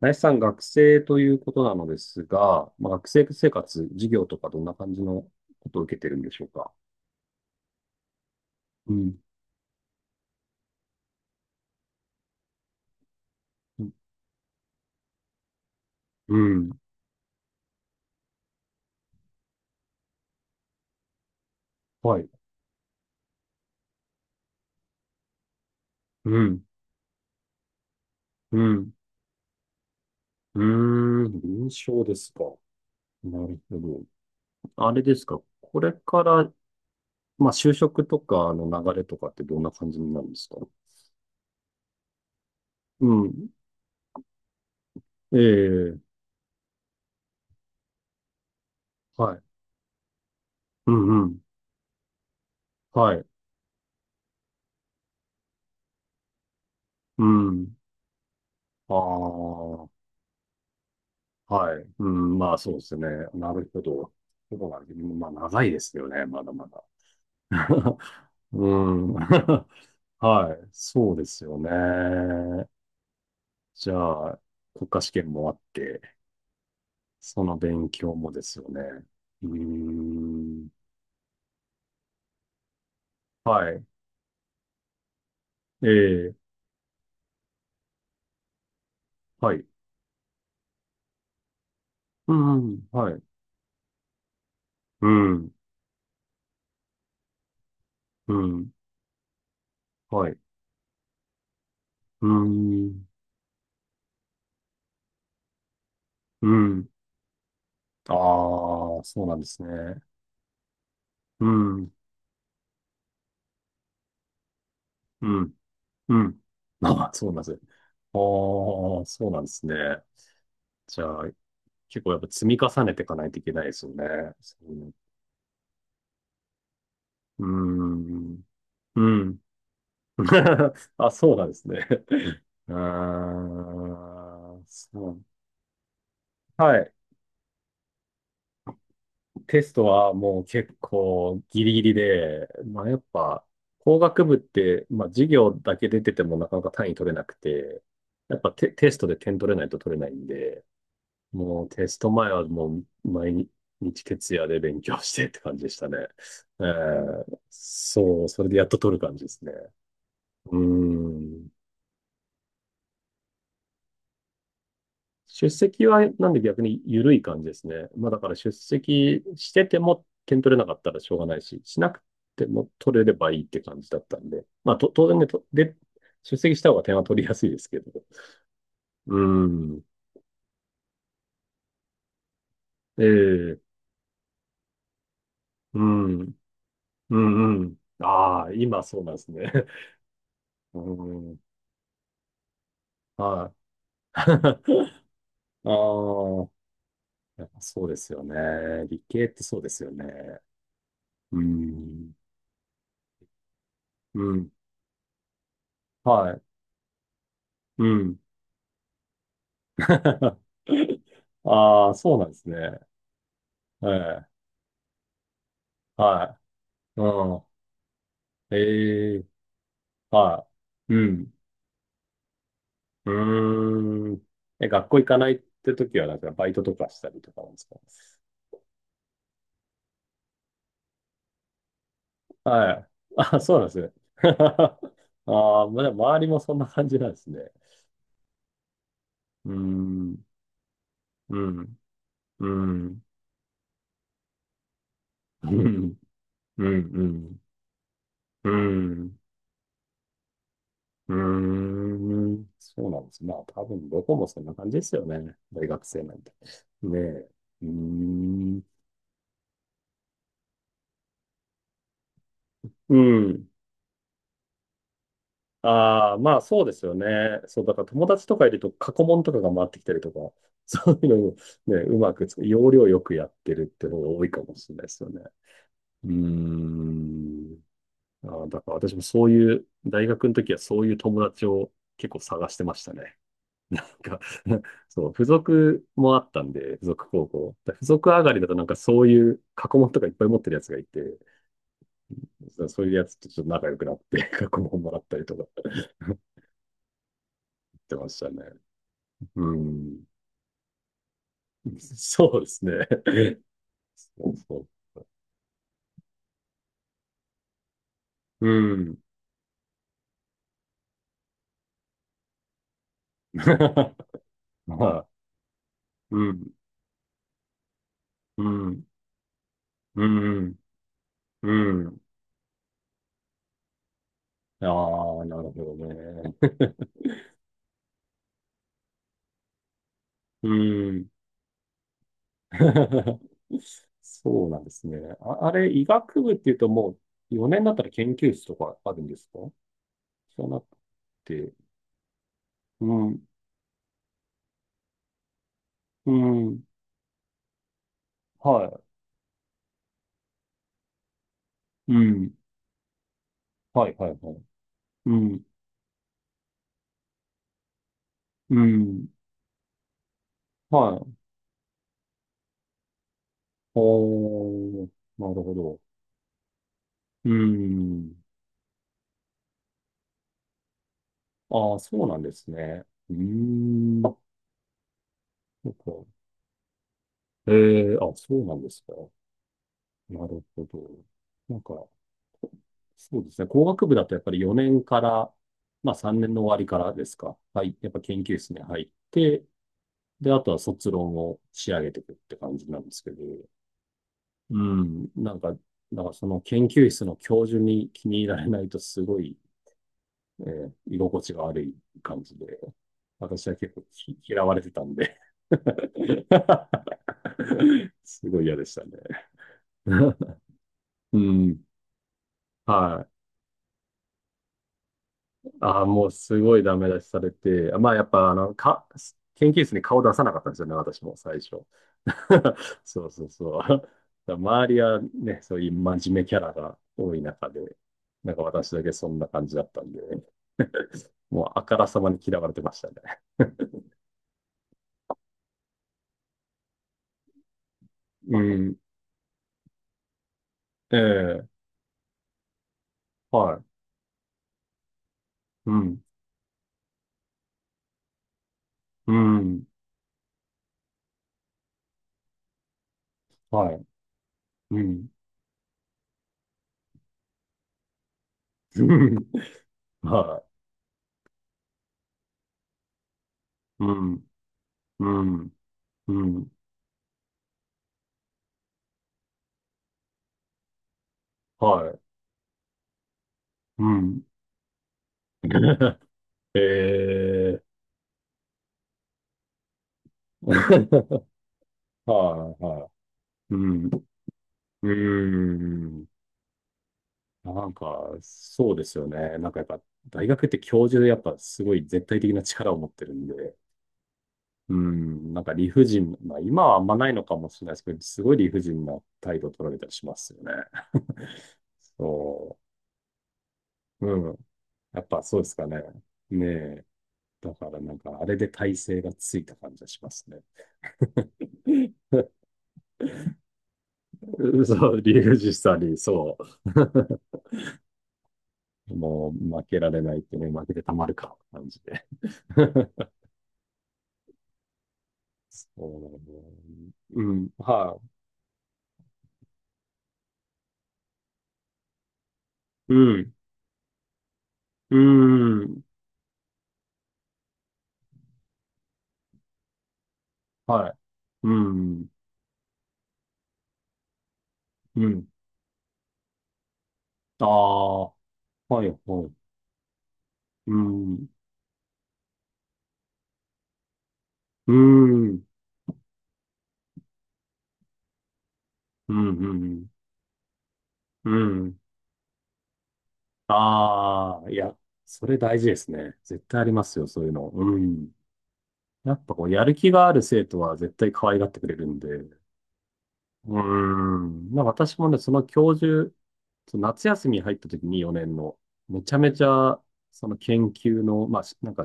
林さん、学生ということなのですが、まあ、学生生活、授業とかどんな感じのことを受けてるんでしょうか？うん。うん。うん。はい。うん。うん。うーん。臨床ですか。なるほど。あれですか。これから、まあ、就職とかの流れとかってどんな感じになるんですか？うん。ええ。はい。うんうん。はい。うん。ああ。はい。うん、まあそうですね。なるほど。そうなんです。まあ長いですよね、まだまだ。うん。はい。そうですよね。じゃあ、国家試験もあって、その勉強もですよね。うーん。はい。ええ、はい。うん、はい。うん、うん、はい。うん、うん。ああ、そうなんですね。うん、うん。うん。ああ、そうなんですね。ああ、そうなんですね。じゃあ、結構やっぱ積み重ねていかないといけないですよね。そうん。うの。うーん。うん。 あ、そうなんですね。あーそう。はい。テストはもう結構ギリギリで、まあやっぱ工学部って、まあ授業だけ出ててもなかなか単位取れなくて、やっぱテストで点取れないと取れないんで、もうテスト前はもう毎日徹夜で勉強してって感じでしたね。そう、それでやっと取る感じですね。うーん。出席はなんで逆に緩い感じですね。まあだから出席してても点取れなかったらしょうがないし、しなくても取れればいいって感じだったんで。まあと当然ね、とで、出席した方が点は取りやすいですけど。うーん。ええ、うん。うんうん。ああ、今そうなんですね。うん。はい。ああ、やっぱそうですよね。理系ってそうですよね。うん。うん。はい。うん。ああ、そうなんですね。ええ。はい。うん。ええ。はい。うん。うーん。え、学校行かないって時は、なんかバイトとかしたりとかなんですか？はい。あ、そうなんですね。ああ、まあ、でも周りもそんな感じなんですね。うーん。うん。うん。うんうん、うん、うん、うーん。そうなんです。まあ、多分どこもそんな感じですよね。大学生なんて。ねえ。うーん。うん。ああ、まあそうですよね。そう、だから友達とかいると過去問とかが回ってきたりとか、そういうのをね、うまくつ、要領よくやってるって方が多いかもしれないですよね。うーん。ああ、だから私もそういう、大学の時はそういう友達を結構探してましたね。か、そう、付属もあったんで、付属高校。だ付属上がりだとなんかそういう過去問とかいっぱい持ってるやつがいて、そういうやつとちょっと仲良くなって 過去問もらったりとか やってましたね。うん。そうですね。そうそう。うん。まあ、うん、うん、うん、うん。ああ、なるほどね。うん。そうなんですね。あ、あれ、医学部っていうともう4年だったら研究室とかあるんですか？じゃなくて。うん、うん、はい、うん、はい、はい、はい。うん、うん、はい。おー、なるほど。うん。ああ、そうなんですね。うーん。なんか、ええあ、そうなんですか。なるほど。なんか、そうですね。工学部だとやっぱり4年から、まあ3年の終わりからですか。はい。やっぱ研究室に入って、で、あとは卒論を仕上げていくって感じなんですけど、うん。なんか、だからその研究室の教授に気に入られないとすごい、居心地が悪い感じで、私は結構嫌われてたんで すごい嫌でしたね。うん。はい。ああ、もうすごいダメ出しされて、まあやっぱ、研究室に顔出さなかったんですよね、私も最初。そうそうそう。だから周りはね、そういう真面目キャラが多い中で、なんか私だけそんな感じだったんで、もうあからさまに嫌われてましたね。うん。ええ、はい。うん。うん。はい。うん。はい。うん。うん。うん。はい。うん。ええ。はいはい。うん。うーん。なんか、そうですよね。なんかやっぱ、大学って教授でやっぱすごい絶対的な力を持ってるんで、うん。なんか理不尽、まあ今はあんまないのかもしれないですけど、すごい理不尽な態度を取られたりしますよね。そう。うん。やっぱそうですかね。ねえ。だからなんか、あれで体勢がついた感じがしますね。そう、理不尽さに、そう。もう負けられないってね、負けてたまるか、感じで。そうなんだね、うん、はい。うん、うん、はい。うん、うん。ああ、はい、はい。うん、うーん、うん、うん、うん。うん、ああ、はいはい、うんうんうんうんうんうん、ああいや、それ大事ですね。絶対ありますよ、そういうの。うん。やっぱこう、やる気がある生徒は絶対可愛がってくれるんで、うーん。まあ私もね、その教授、その夏休みに入った時に4年の、めちゃめちゃ、その研究の、まあ、なんか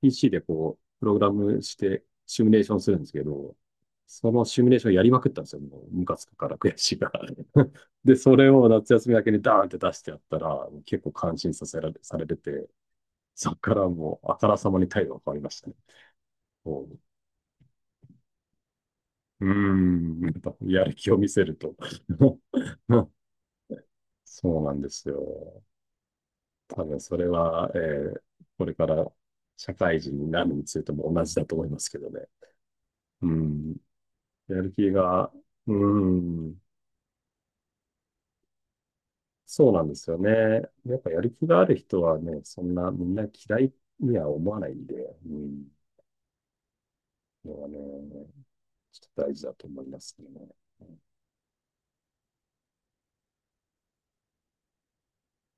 PC でこう、プログラムしてシミュレーションするんですけど、そのシミュレーションやりまくったんですよ。もう、ムカつくから悔しいから。で、それを夏休みだけにダーンって出してやったら、結構感心させられ、されてて、そっからもう、あからさまに態度が変わりましたね。こう、うーん、やっぱやる気を見せると。そうなんですよ。多分それは、これから社会人になるについても同じだと思いますけどね。うん。やる気が、うん。そうなんですよね。やっぱやる気がある人はね、そんなみんな嫌いには思わないんで、うん。のはね、ちょっと大事だと思いますけどね。